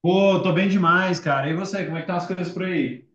Pô, tô bem demais, cara. E você, como é que tá as coisas por aí?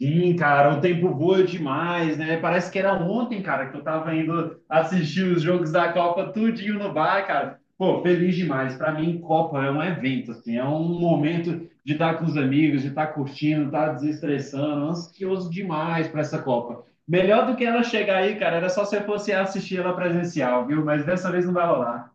Sim, cara, o tempo voa demais, né? Parece que era ontem, cara, que eu tava indo assistir os jogos da Copa tudinho no bar, cara. Pô, feliz demais. Pra mim, Copa é um evento, assim, é um momento de estar com os amigos, de estar curtindo, estar desestressando, ansioso demais pra essa Copa. Melhor do que ela chegar aí, cara, era só se eu fosse assistir ela presencial, viu? Mas dessa vez não vai rolar.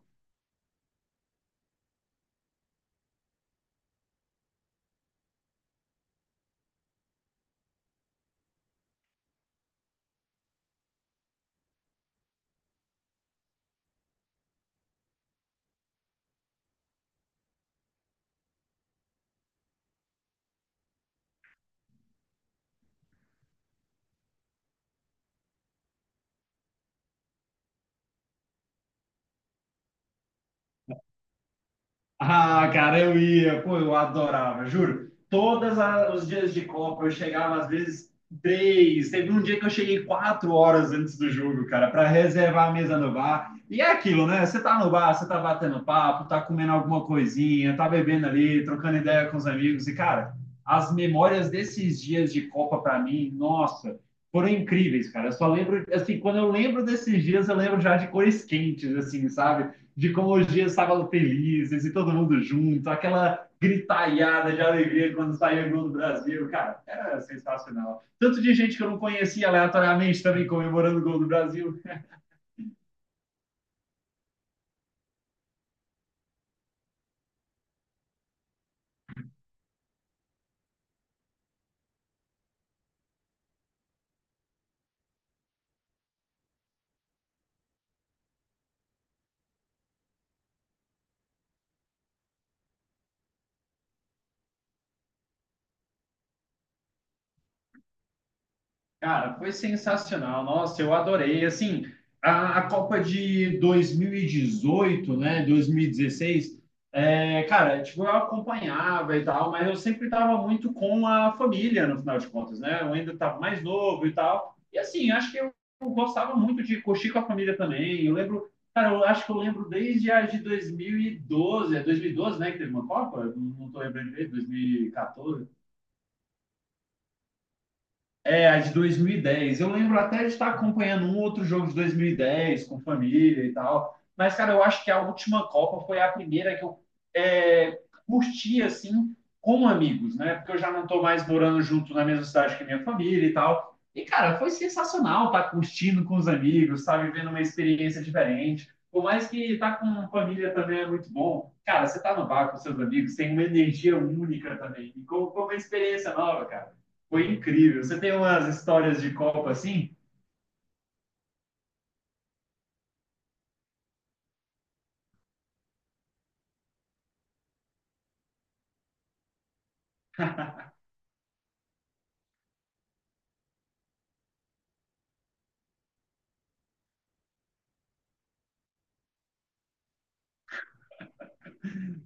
Ah, cara, eu ia, pô, eu adorava, juro. Todos os dias de Copa eu chegava às vezes três. Teve um dia que eu cheguei 4 horas antes do jogo, cara, para reservar a mesa no bar. E é aquilo, né? Você tá no bar, você tá batendo papo, tá comendo alguma coisinha, tá bebendo ali, trocando ideia com os amigos. E, cara, as memórias desses dias de Copa para mim, nossa, foram incríveis, cara. Eu só lembro, assim, quando eu lembro desses dias, eu lembro já de cores quentes, assim, sabe? De como hoje é sábado felizes e todo mundo junto, aquela gritalhada de alegria quando saiu o gol do Brasil. Cara, era sensacional. Tanto de gente que eu não conhecia aleatoriamente também comemorando o gol do Brasil. Cara, foi sensacional. Nossa, eu adorei. Assim, a Copa de 2018, né, 2016, é, cara, tipo, eu acompanhava e tal, mas eu sempre estava muito com a família, no final de contas, né? Eu ainda estava mais novo e tal. E assim, acho que eu gostava muito de curtir com a família também. Eu lembro, cara, eu acho que eu lembro desde a de 2012, é 2012, né, que teve uma Copa? Não, não tô lembrando direito, 2014. É, a de 2010. Eu lembro até de estar acompanhando um outro jogo de 2010 com família e tal. Mas, cara, eu acho que a última Copa foi a primeira que eu é, curti, assim, com amigos, né? Porque eu já não estou mais morando junto na mesma cidade que minha família e tal. E, cara, foi sensacional estar curtindo com os amigos, estar vivendo uma experiência diferente. Por mais que estar com família também é muito bom. Cara, você tá no bar com seus amigos, tem uma energia única também. E com como uma experiência nova, cara. Foi incrível. Você tem umas histórias de Copa assim?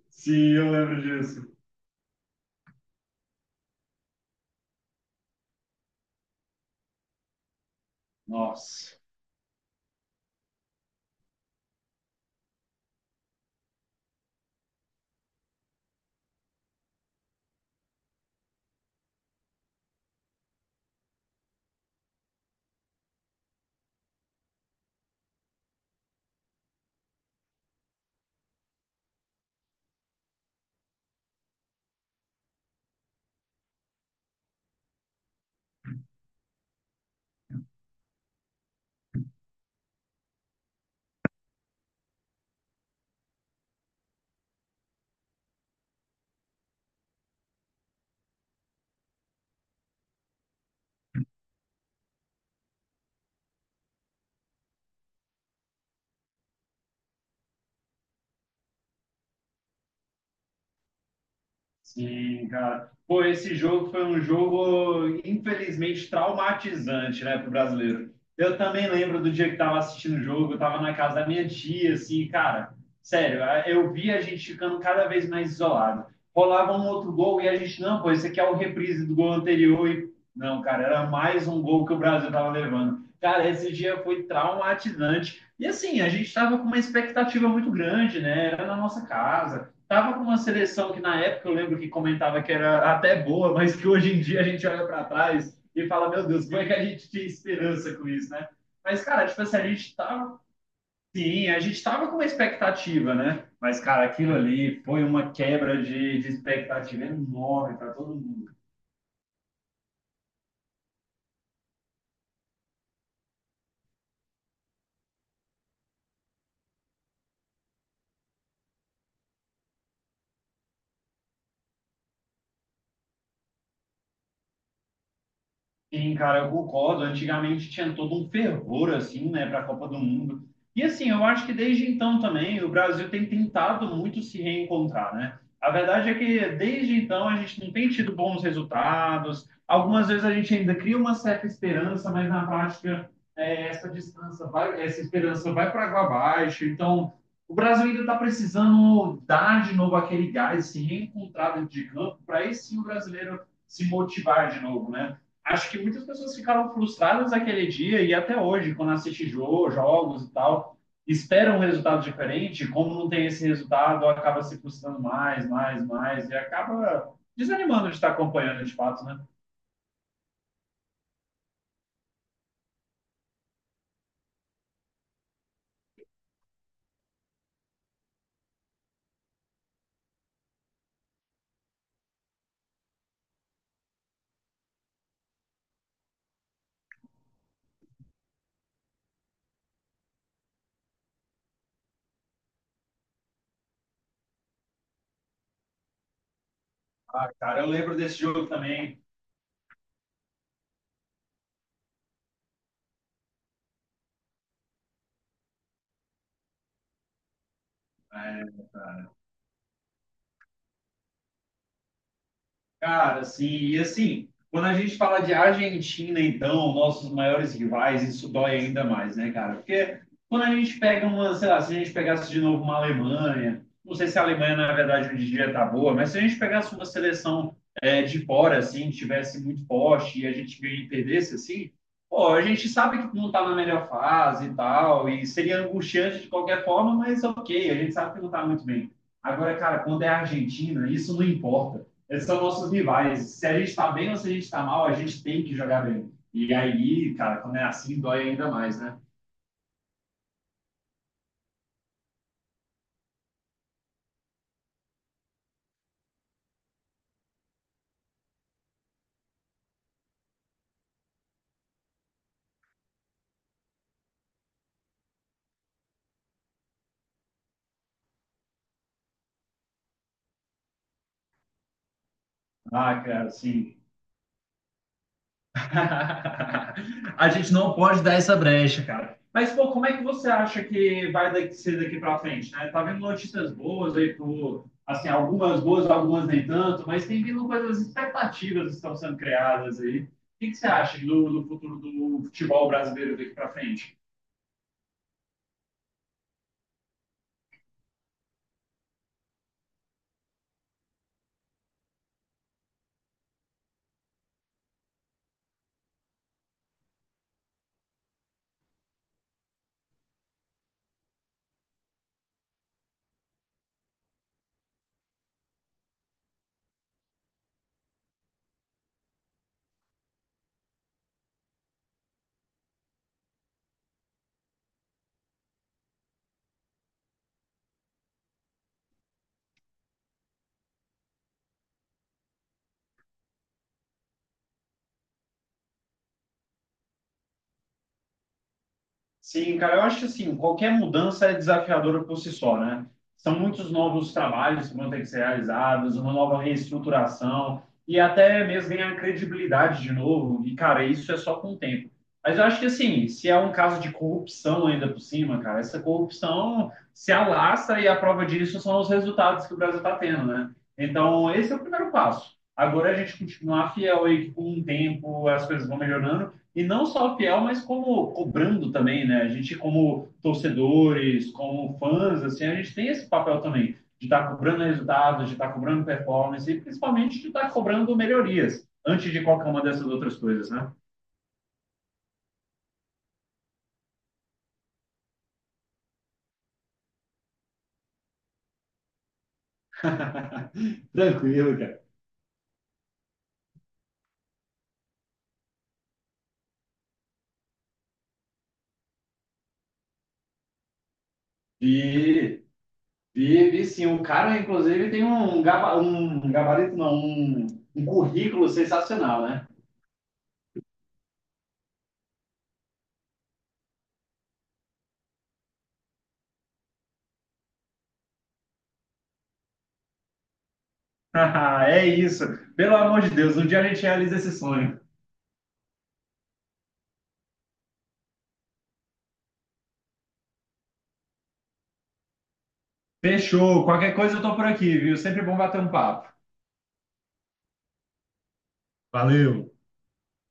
Sim, eu lembro disso. Nossa. Sim, cara. Pô, esse jogo foi um jogo, infelizmente, traumatizante, né, pro brasileiro. Eu também lembro do dia que tava assistindo o jogo, eu tava na casa da minha tia, assim, cara, sério, eu vi a gente ficando cada vez mais isolado. Rolava um outro gol e a gente, não, pô, esse aqui é o reprise do gol anterior e, não, cara, era mais um gol que o Brasil tava levando. Cara, esse dia foi traumatizante. E assim, a gente tava com uma expectativa muito grande, né? Era na nossa casa. Tava com uma seleção que na época eu lembro que comentava que era até boa, mas que hoje em dia a gente olha para trás e fala, meu Deus, como é que a gente tinha esperança com isso, né? Mas, cara, tipo assim, a gente tava. Sim, a gente tava com uma expectativa, né? Mas, cara, aquilo ali foi uma quebra de expectativa enorme para todo mundo. Sim, cara, eu concordo. Antigamente tinha todo um fervor, assim, né, para a Copa do Mundo. E, assim, eu acho que desde então também o Brasil tem tentado muito se reencontrar, né? A verdade é que desde então a gente não tem tido bons resultados. Algumas vezes a gente ainda cria uma certa esperança, mas na prática é, essa distância vai, essa esperança vai para água abaixo. Então, o Brasil ainda está precisando dar de novo aquele gás, se reencontrar dentro de campo, para esse sim o brasileiro se motivar de novo, né? Acho que muitas pessoas ficaram frustradas naquele dia e até hoje, quando assiste jogo, jogos e tal, esperam um resultado diferente. Como não tem esse resultado, acaba se frustrando mais, mais, mais e acaba desanimando de estar acompanhando de fato, né? Ah, cara, eu lembro desse jogo também. Cara, assim, e assim, quando a gente fala de Argentina, então, nossos maiores rivais, isso dói ainda mais, né, cara? Porque quando a gente pega uma, sei lá, se a gente pegasse de novo uma Alemanha, não sei se a Alemanha, na verdade, hoje em dia tá boa, mas se a gente pegasse uma seleção é de fora, assim, tivesse muito forte e a gente ganha e perdesse, assim, pô, a gente sabe que não tá na melhor fase e tal, e seria angustiante de qualquer forma, mas ok, a gente sabe que não tá muito bem. Agora, cara, quando é a Argentina, isso não importa. Esses são nossos rivais. Se a gente tá bem ou se a gente tá mal, a gente tem que jogar bem. E aí, cara, quando é assim, dói ainda mais, né? Ah, cara, assim, a gente não pode dar essa brecha, cara. Mas, pô, como é que você acha que vai ser daqui para frente, né? Tá vendo notícias boas aí pro, assim, algumas boas, algumas nem tanto, mas tem vindo coisas expectativas que estão sendo criadas aí. O que que você acha do futuro do futebol brasileiro daqui para frente? Sim, cara, eu acho que assim, qualquer mudança é desafiadora por si só, né? São muitos novos trabalhos que vão ter que ser realizados, uma nova reestruturação e até mesmo ganhar credibilidade de novo. E, cara, isso é só com o tempo. Mas eu acho que assim, se é um caso de corrupção ainda por cima, cara, essa corrupção se alastra e a prova disso são os resultados que o Brasil está tendo, né? Então, esse é o primeiro passo. Agora é a gente continuar fiel aí que com o tempo as coisas vão melhorando e não só fiel, mas como cobrando também, né? A gente, como torcedores, como fãs, assim, a gente tem esse papel também de estar cobrando resultados, de estar cobrando performance e principalmente de estar cobrando melhorias antes de qualquer uma dessas outras coisas, né? Tranquilo, cara. E, e sim, o cara, inclusive, tem um gabarito, não, um currículo sensacional, né? É isso. Pelo amor de Deus, um dia a gente realiza esse sonho. Fechou. Qualquer coisa eu tô por aqui, viu? Sempre bom bater um papo. Valeu!